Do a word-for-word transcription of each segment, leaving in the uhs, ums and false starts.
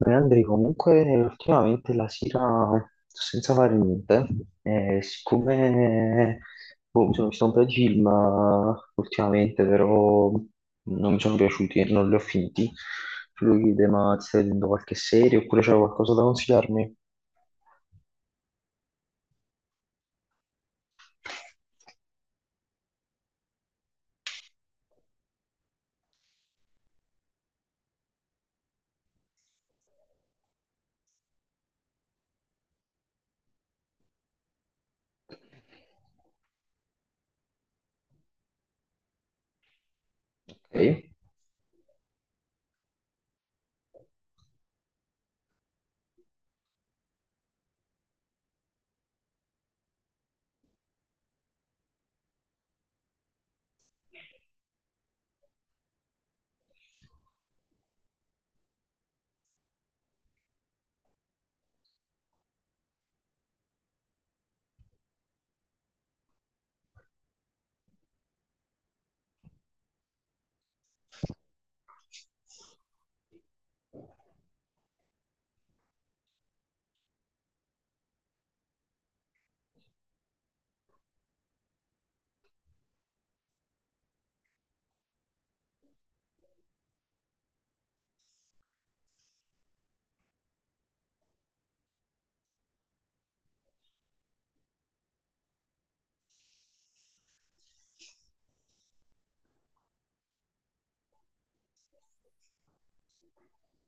Beh, Andri, comunque ultimamente la sera sto senza fare niente, e siccome boh, mi sono visto un po' di film eh, ultimamente, però non mi sono piaciuti e non li ho finiti, tu lo chiede, ma ti stai vedendo qualche serie oppure c'è qualcosa da consigliarmi? Ok.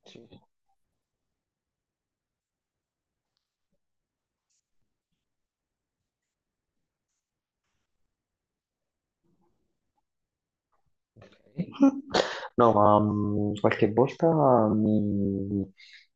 Sì. Ok. No, ma mm, qualche volta mi,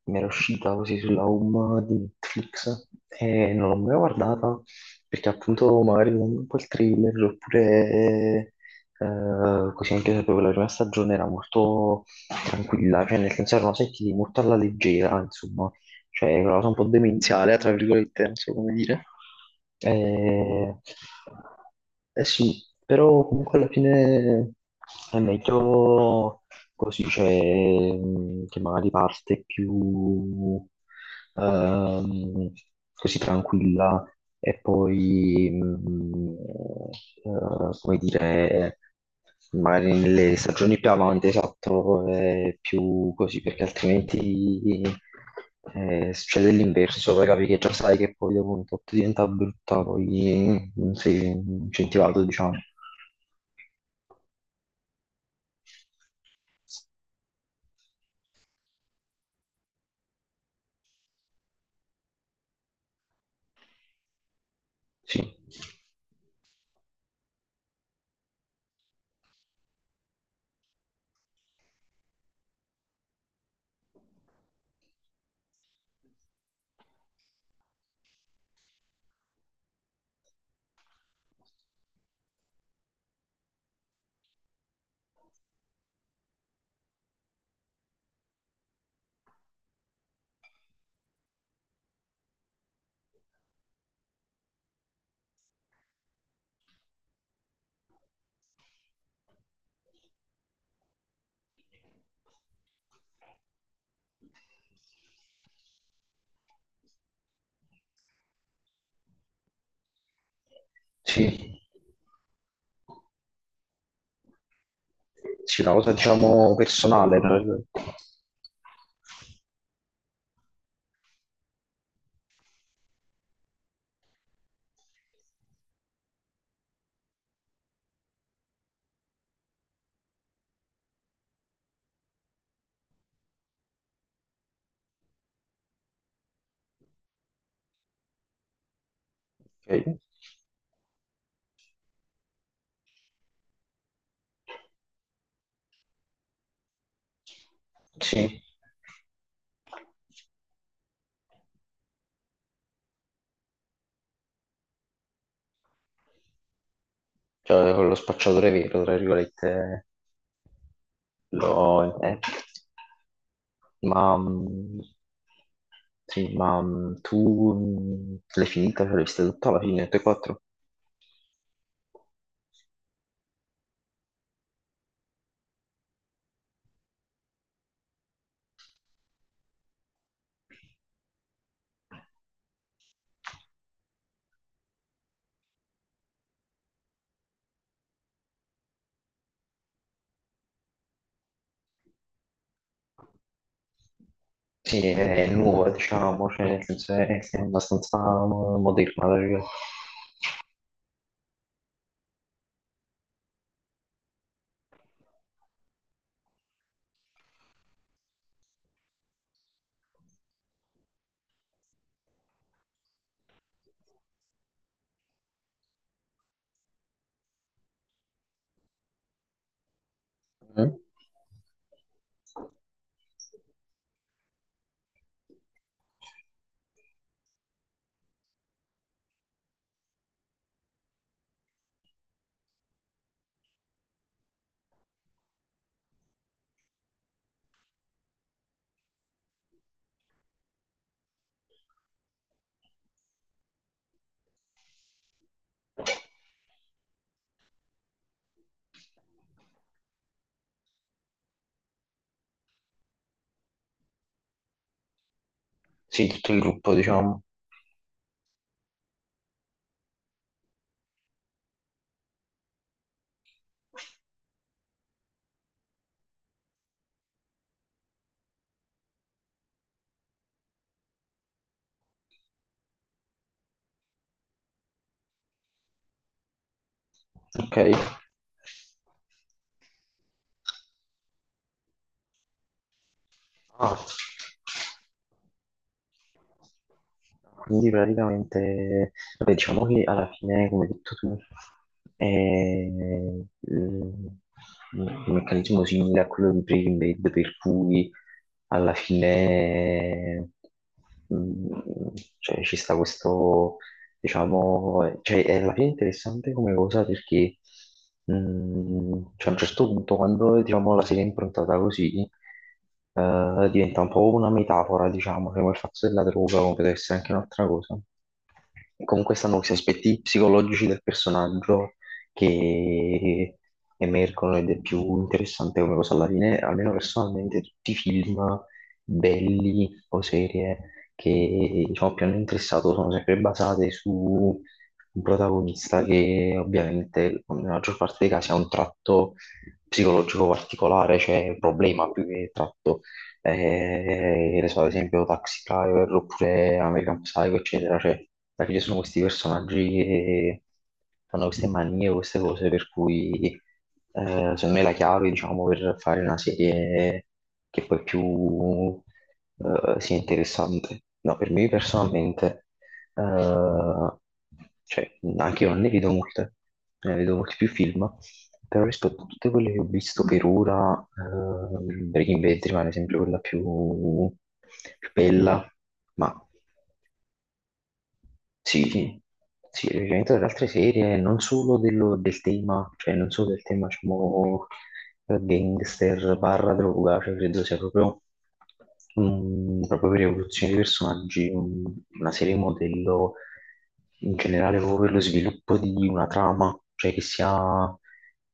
mi era uscita così sulla home di Netflix e non l'ho mai guardata perché appunto magari non un po' il thriller oppure eh, così anche sapevo la prima stagione era molto tranquilla, cioè nel senso erano sentiti molto alla leggera, insomma, cioè è una cosa un po' demenziale, tra virgolette, non so come dire. Eh, eh sì, però comunque alla fine è meglio. Così c'è mm, che magari parte più ehm, così tranquilla e poi, mm, eh, come dire, magari nelle stagioni più avanti, esatto, è più così, perché altrimenti eh, succede l'inverso, poi capi che già sai che poi dopo un tot diventa brutta, poi non sei incentivato, diciamo. Sì, sì, sì, una cosa diciamo personale. Per- ok. Sì, cioè con lo spacciatore vero, tra virgolette. lo- eh, Ma, mm, sì, ma mm, tu mm, l'hai finita, cioè l'hai vista tutta alla fine, tutte e quattro? Sì, è nuova, diciamo, cioè nel senso è, è abbastanza moderna, la verità. Mm? Sì, tutto il gruppo, diciamo. Ok. Ah, quindi praticamente, vabbè, diciamo che alla fine, come hai detto tu, è eh, un un meccanismo simile a quello di Breaking Bad, per cui alla fine, mm, cioè, ci sta questo. Diciamo, cioè, è alla fine interessante come cosa perché mm, cioè, a un certo punto quando diciamo, la serie è improntata così eh, diventa un po' una metafora, diciamo, cioè, come il fatto della droga, come potrebbe essere anche un'altra cosa. E comunque stanno questi aspetti psicologici del personaggio che emergono ed è più interessante come cosa alla fine, almeno personalmente, tutti i film belli o serie che diciamo, più hanno interessato sono sempre basate su un protagonista che ovviamente nella maggior parte dei casi ha un tratto psicologico particolare, cioè un problema più che tratto. Eh, ne so, ad esempio Taxi Driver oppure American Psycho, eccetera. Cioè, alla fine sono questi personaggi che fanno queste manie, queste cose per cui eh, secondo me la chiave, diciamo, per fare una serie che poi più eh, sia interessante. No, per me personalmente, eh, cioè, anche io non ne vedo molte, ne vedo molti più film, però rispetto a tutte quelle che ho visto per ora, eh, Breaking Bad rimane sempre quella più, più bella, ma sì, sì, il riferimento ad altre serie, non solo dello- del tema, cioè non solo del tema, diciamo, gangster, barra droga, cioè credo sia proprio, mm, proprio per evoluzione dei personaggi, un- una serie modello in generale proprio per lo sviluppo di una trama, cioè che sia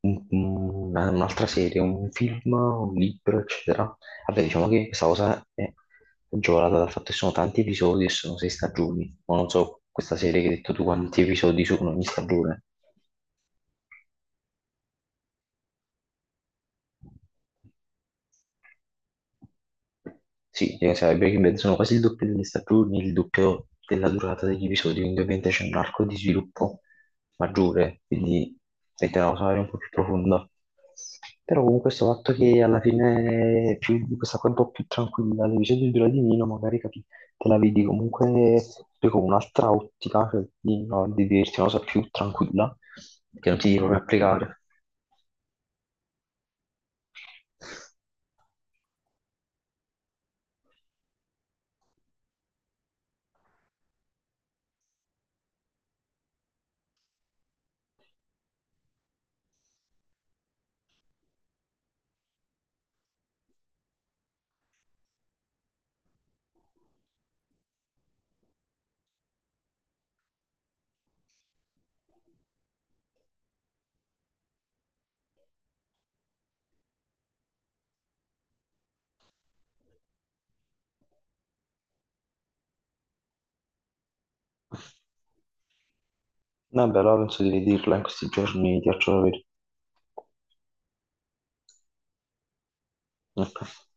un- una- un'altra serie, un film, un libro, eccetera. Vabbè, diciamo che questa cosa è agevolata dal fatto che sono tanti episodi e sono sei stagioni. Ma non so questa serie che hai detto tu quanti episodi sono ogni stagione. Sì, eh, sai, Breaking Bad sono quasi il doppio delle stagioni, il doppio della durata degli episodi, quindi ovviamente c'è un arco di sviluppo maggiore, quindi mette una cosa magari un po' più profonda. Però comunque questo fatto che alla fine è più, questa qua è un po' più tranquilla, l'episodio dura di meno, magari capi, te la vedi comunque poi con un'altra ottica, cioè di, no, di vederti una cosa più tranquilla, che non ti devi proprio applicare. Vabbè, allora penso di vederla in questi giorni, ti faccio sapere. Ok.